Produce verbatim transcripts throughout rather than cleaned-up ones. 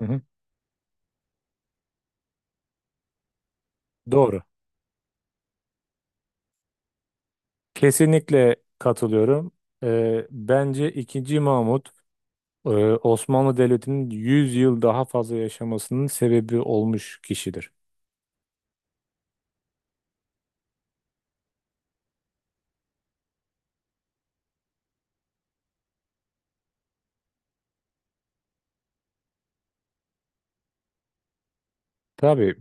Hı hı. Doğru. Kesinlikle katılıyorum. Ee, bence ikinci Mahmut e, Osmanlı Devleti'nin yüz yıl daha fazla yaşamasının sebebi olmuş kişidir. Tabii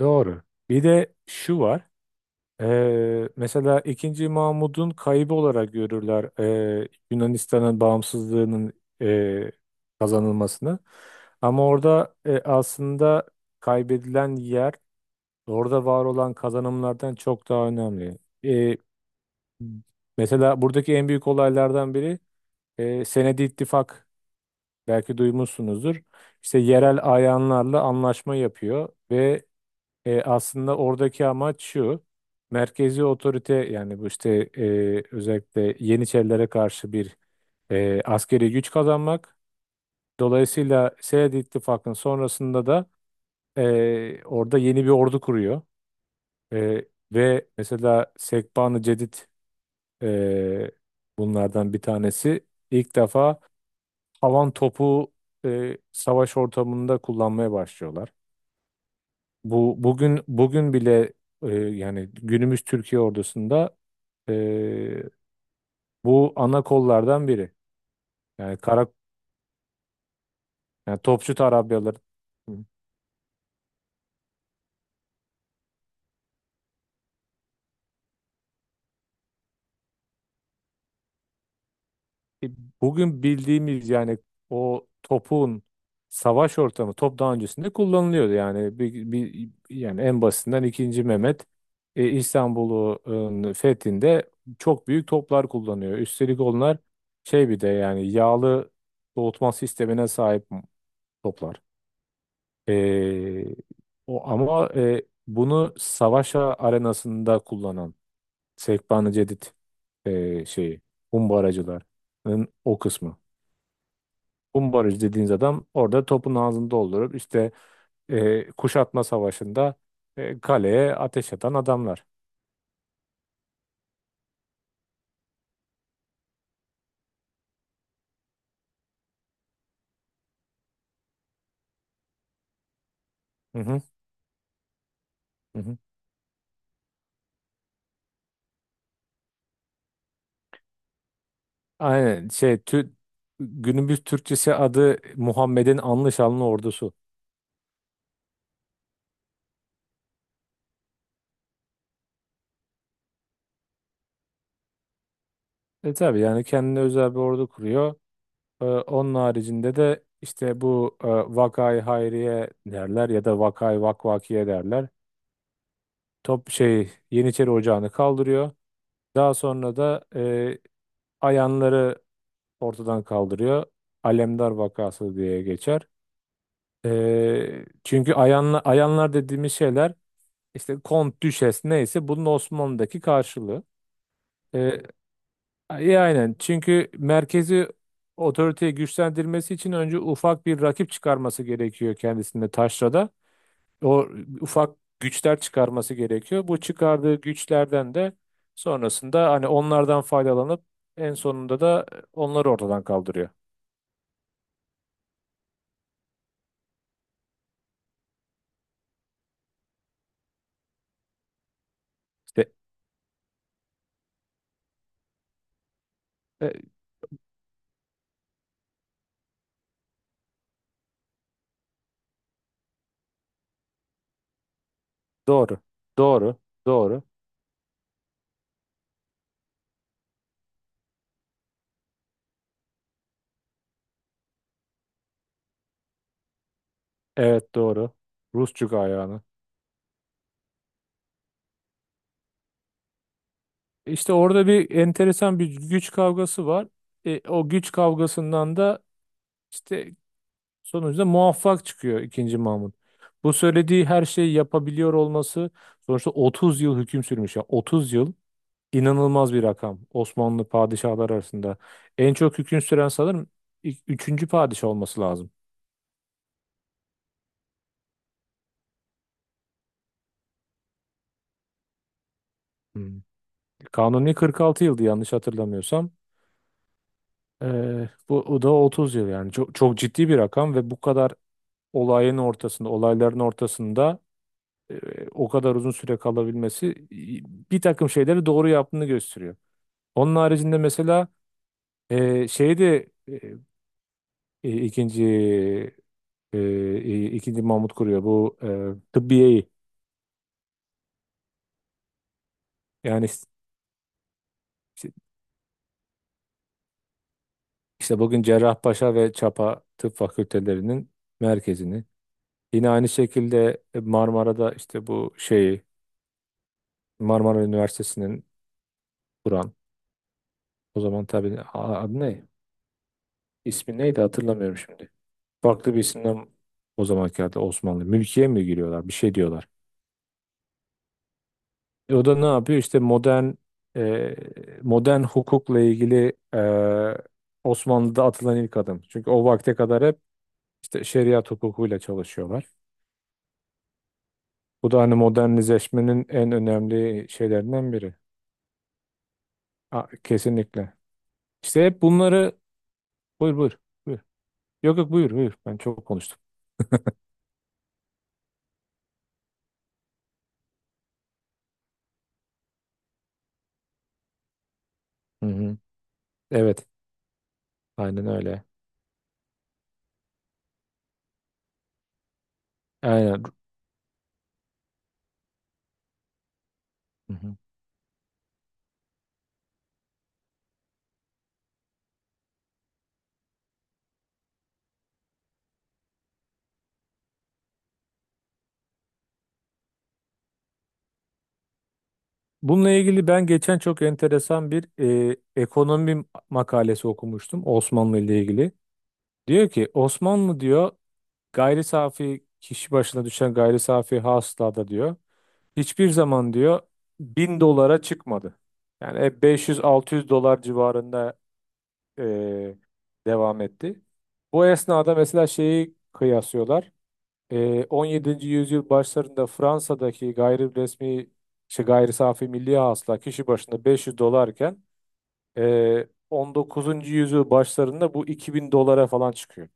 doğru. Bir de şu var. Ee, mesela ikinci Mahmud'un kaybı olarak görürler e, Yunanistan'ın bağımsızlığının e, kazanılmasını. Ama orada e, aslında kaybedilen yer orada var olan kazanımlardan çok daha önemli. E, Mesela buradaki en büyük olaylardan biri e, Senedi ittifak belki duymuşsunuzdur. İşte yerel ayanlarla anlaşma yapıyor ve e, aslında oradaki amaç şu. Merkezi otorite yani bu işte e, özellikle Yeniçerilere karşı bir e, askeri güç kazanmak. Dolayısıyla Senedi ittifakın sonrasında da e, orada yeni bir ordu kuruyor. E, ve mesela Sekban-ı Cedid, Ee, bunlardan bir tanesi ilk defa havan topu e, savaş ortamında kullanmaya başlıyorlar. Bu bugün bugün bile e, yani günümüz Türkiye ordusunda e, bu ana kollardan biri. Yani kara, yani topçu tarabyaları. E, Bugün bildiğimiz yani o topun savaş ortamı top daha öncesinde kullanılıyordu yani bir, bir- yani en basitinden ikinci Mehmet e, İstanbul'un fethinde çok büyük toplar kullanıyor. Üstelik onlar şey bir de yani yağlı soğutma sistemine sahip toplar. E, o ama e, bunu savaş arenasında kullanan Sekban-ı Cedid, e, şeyi Humbaracıların o kısmı. Umbaraj dediğiniz adam orada topun ağzını doldurup işte e, kuşatma savaşında e, kaleye ateş atan adamlar. Hı hı, hı hı. Aynen şey, tü, günümüz Türkçesi adı Muhammed'in anlı şanlı ordusu. E tabii yani kendine özel bir ordu kuruyor. E, onun haricinde de işte bu e, Vakai Hayriye derler ya da Vakai Vakvakiye derler. Top şey Yeniçeri Ocağı'nı kaldırıyor. Daha sonra da e, ayanları ortadan kaldırıyor. Alemdar vakası diye geçer. Ee, çünkü ayanla, ayanlar dediğimiz şeyler işte kont, düşes, neyse bunun Osmanlı'daki karşılığı. Ee, iyi aynen, çünkü merkezi otoriteyi güçlendirmesi için önce ufak bir rakip çıkarması gerekiyor kendisinde taşrada. O ufak güçler çıkarması gerekiyor. Bu çıkardığı güçlerden de sonrasında hani onlardan faydalanıp en sonunda da onları ortadan kaldırıyor. İşte e, Doğru. Doğru. Doğru. Evet, doğru. Rusçuk ayağını. İşte orada bir enteresan bir güç kavgası var. E, o güç kavgasından da işte sonuçta muvaffak çıkıyor ikinci Mahmut. Bu söylediği her şeyi yapabiliyor olması, sonuçta otuz yıl hüküm sürmüş. Ya otuz yıl inanılmaz bir rakam Osmanlı padişahlar arasında. En çok hüküm süren sanırım ik- üçüncü padişah olması lazım. Hmm. Kanuni kırk altı yıldı yanlış hatırlamıyorsam. Ee, bu o da otuz yıl, yani çok çok ciddi bir rakam ve bu kadar olayın ortasında, olayların ortasında e, o kadar uzun süre kalabilmesi e, bir takım şeyleri doğru yaptığını gösteriyor. Onun haricinde mesela e, şey de e, e, ikinci e, e, ikinci Mahmut kuruyor bu e, tıbbiyeyi yani, s- işte bugün Cerrahpaşa ve Çapa Tıp Fakültelerinin merkezini, yine aynı şekilde Marmara'da işte bu şeyi Marmara Üniversitesi'nin Kur'an. O zaman tabii a- adı ne? İsmi neydi hatırlamıyorum şimdi. Farklı bir isimden, o zamanki halde Osmanlı. Mülkiye mi giriyorlar? Bir şey diyorlar. E, o da ne yapıyor? İşte modern e, modern hukukla ilgili e, Osmanlı'da atılan ilk adım. Çünkü o vakte kadar hep işte şeriat hukukuyla çalışıyorlar. Bu da hani modernizeşmenin en önemli şeylerinden biri. A- kesinlikle. İşte hep bunları, buyur buyur buyur. Yok yok, buyur buyur. Ben çok konuştum. Hı hı. Evet. Aynen öyle. Aynen. Hı hı. Bununla ilgili ben geçen çok enteresan bir e, ekonomi makalesi okumuştum Osmanlı ile ilgili. Diyor ki Osmanlı, diyor, gayri safi kişi başına düşen gayri safi hasılada diyor hiçbir zaman, diyor, bin dolara çıkmadı. Yani hep beş yüz altı yüz dolar civarında e, devam etti. Bu esnada mesela şeyi kıyaslıyorlar. Ee, on yedinci yüzyıl başlarında Fransa'daki gayri resmi şey, gayri safi milli hasıla kişi başına beş yüz dolarken, ee, on dokuzuncu yüzyıl başlarında bu iki bin dolara falan çıkıyor.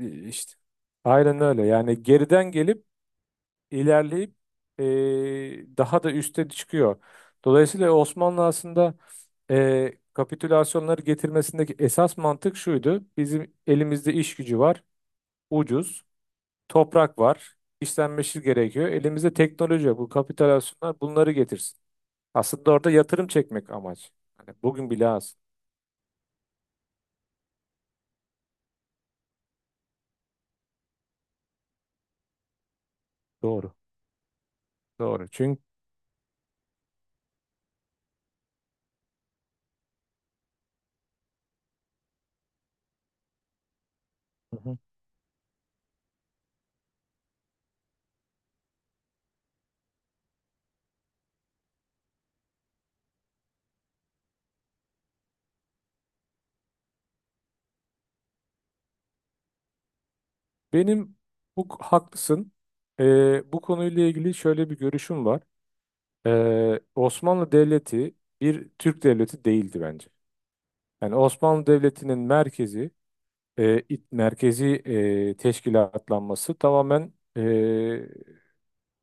E, İşte. Aynen öyle. Yani geriden gelip ilerleyip e, daha da üste çıkıyor. Dolayısıyla Osmanlı aslında e, kapitülasyonları getirmesindeki esas mantık şuydu. Bizim elimizde iş gücü var, ucuz. Toprak var. İşlenmesi gerekiyor. Elimizde teknoloji yok. Bu kapitülasyonlar bunları getirsin. Aslında orada yatırım çekmek amaç. Hani bugün bile az. Doğru. Doğru. Çünkü. Hı hı. Benim, bu haklısın. Ee, bu konuyla ilgili şöyle bir görüşüm var. Ee, Osmanlı Devleti bir Türk devleti değildi bence. Yani Osmanlı Devleti'nin merkezi, e, it- merkezi e, teşkilatlanması tamamen e,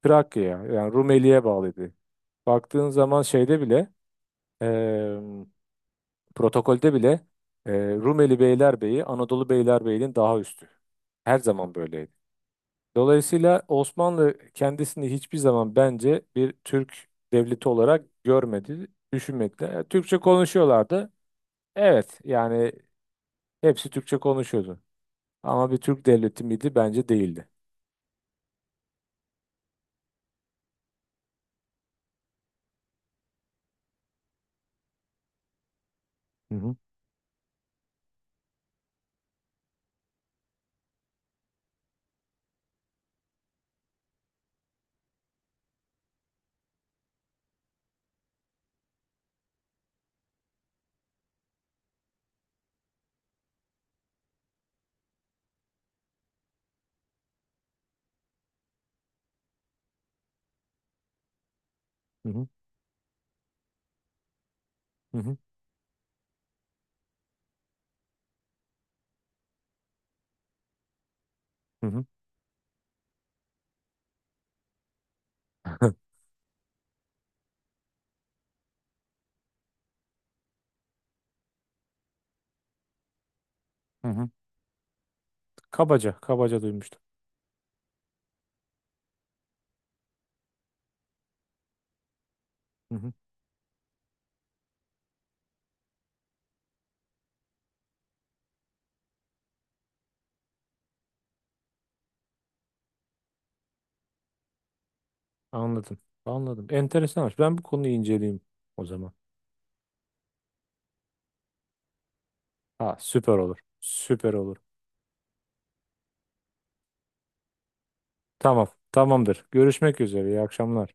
Trakya, yani Rumeli'ye bağlıydı. Baktığın zaman şeyde bile, eee, protokolde bile, eee, Rumeli Beylerbeyi Anadolu Beylerbeyi'nin daha üstü. Her zaman böyleydi. Dolayısıyla Osmanlı kendisini hiçbir zaman, bence, bir Türk devleti olarak görmedi, düşünmedi. E, Türkçe konuşuyorlardı. Evet, yani hepsi Türkçe konuşuyordu. Ama bir Türk devleti miydi? Bence değildi. Hı hı, hı hı, hı hı, hı hı, hı hı. Kabaca, kabaca duymuştum. Hı hı. Anladım. Anladım. Enteresanmış. Ben bu konuyu inceleyeyim o zaman. Ha, süper olur. Süper olur. Tamam. Tamamdır. Görüşmek üzere. İyi akşamlar.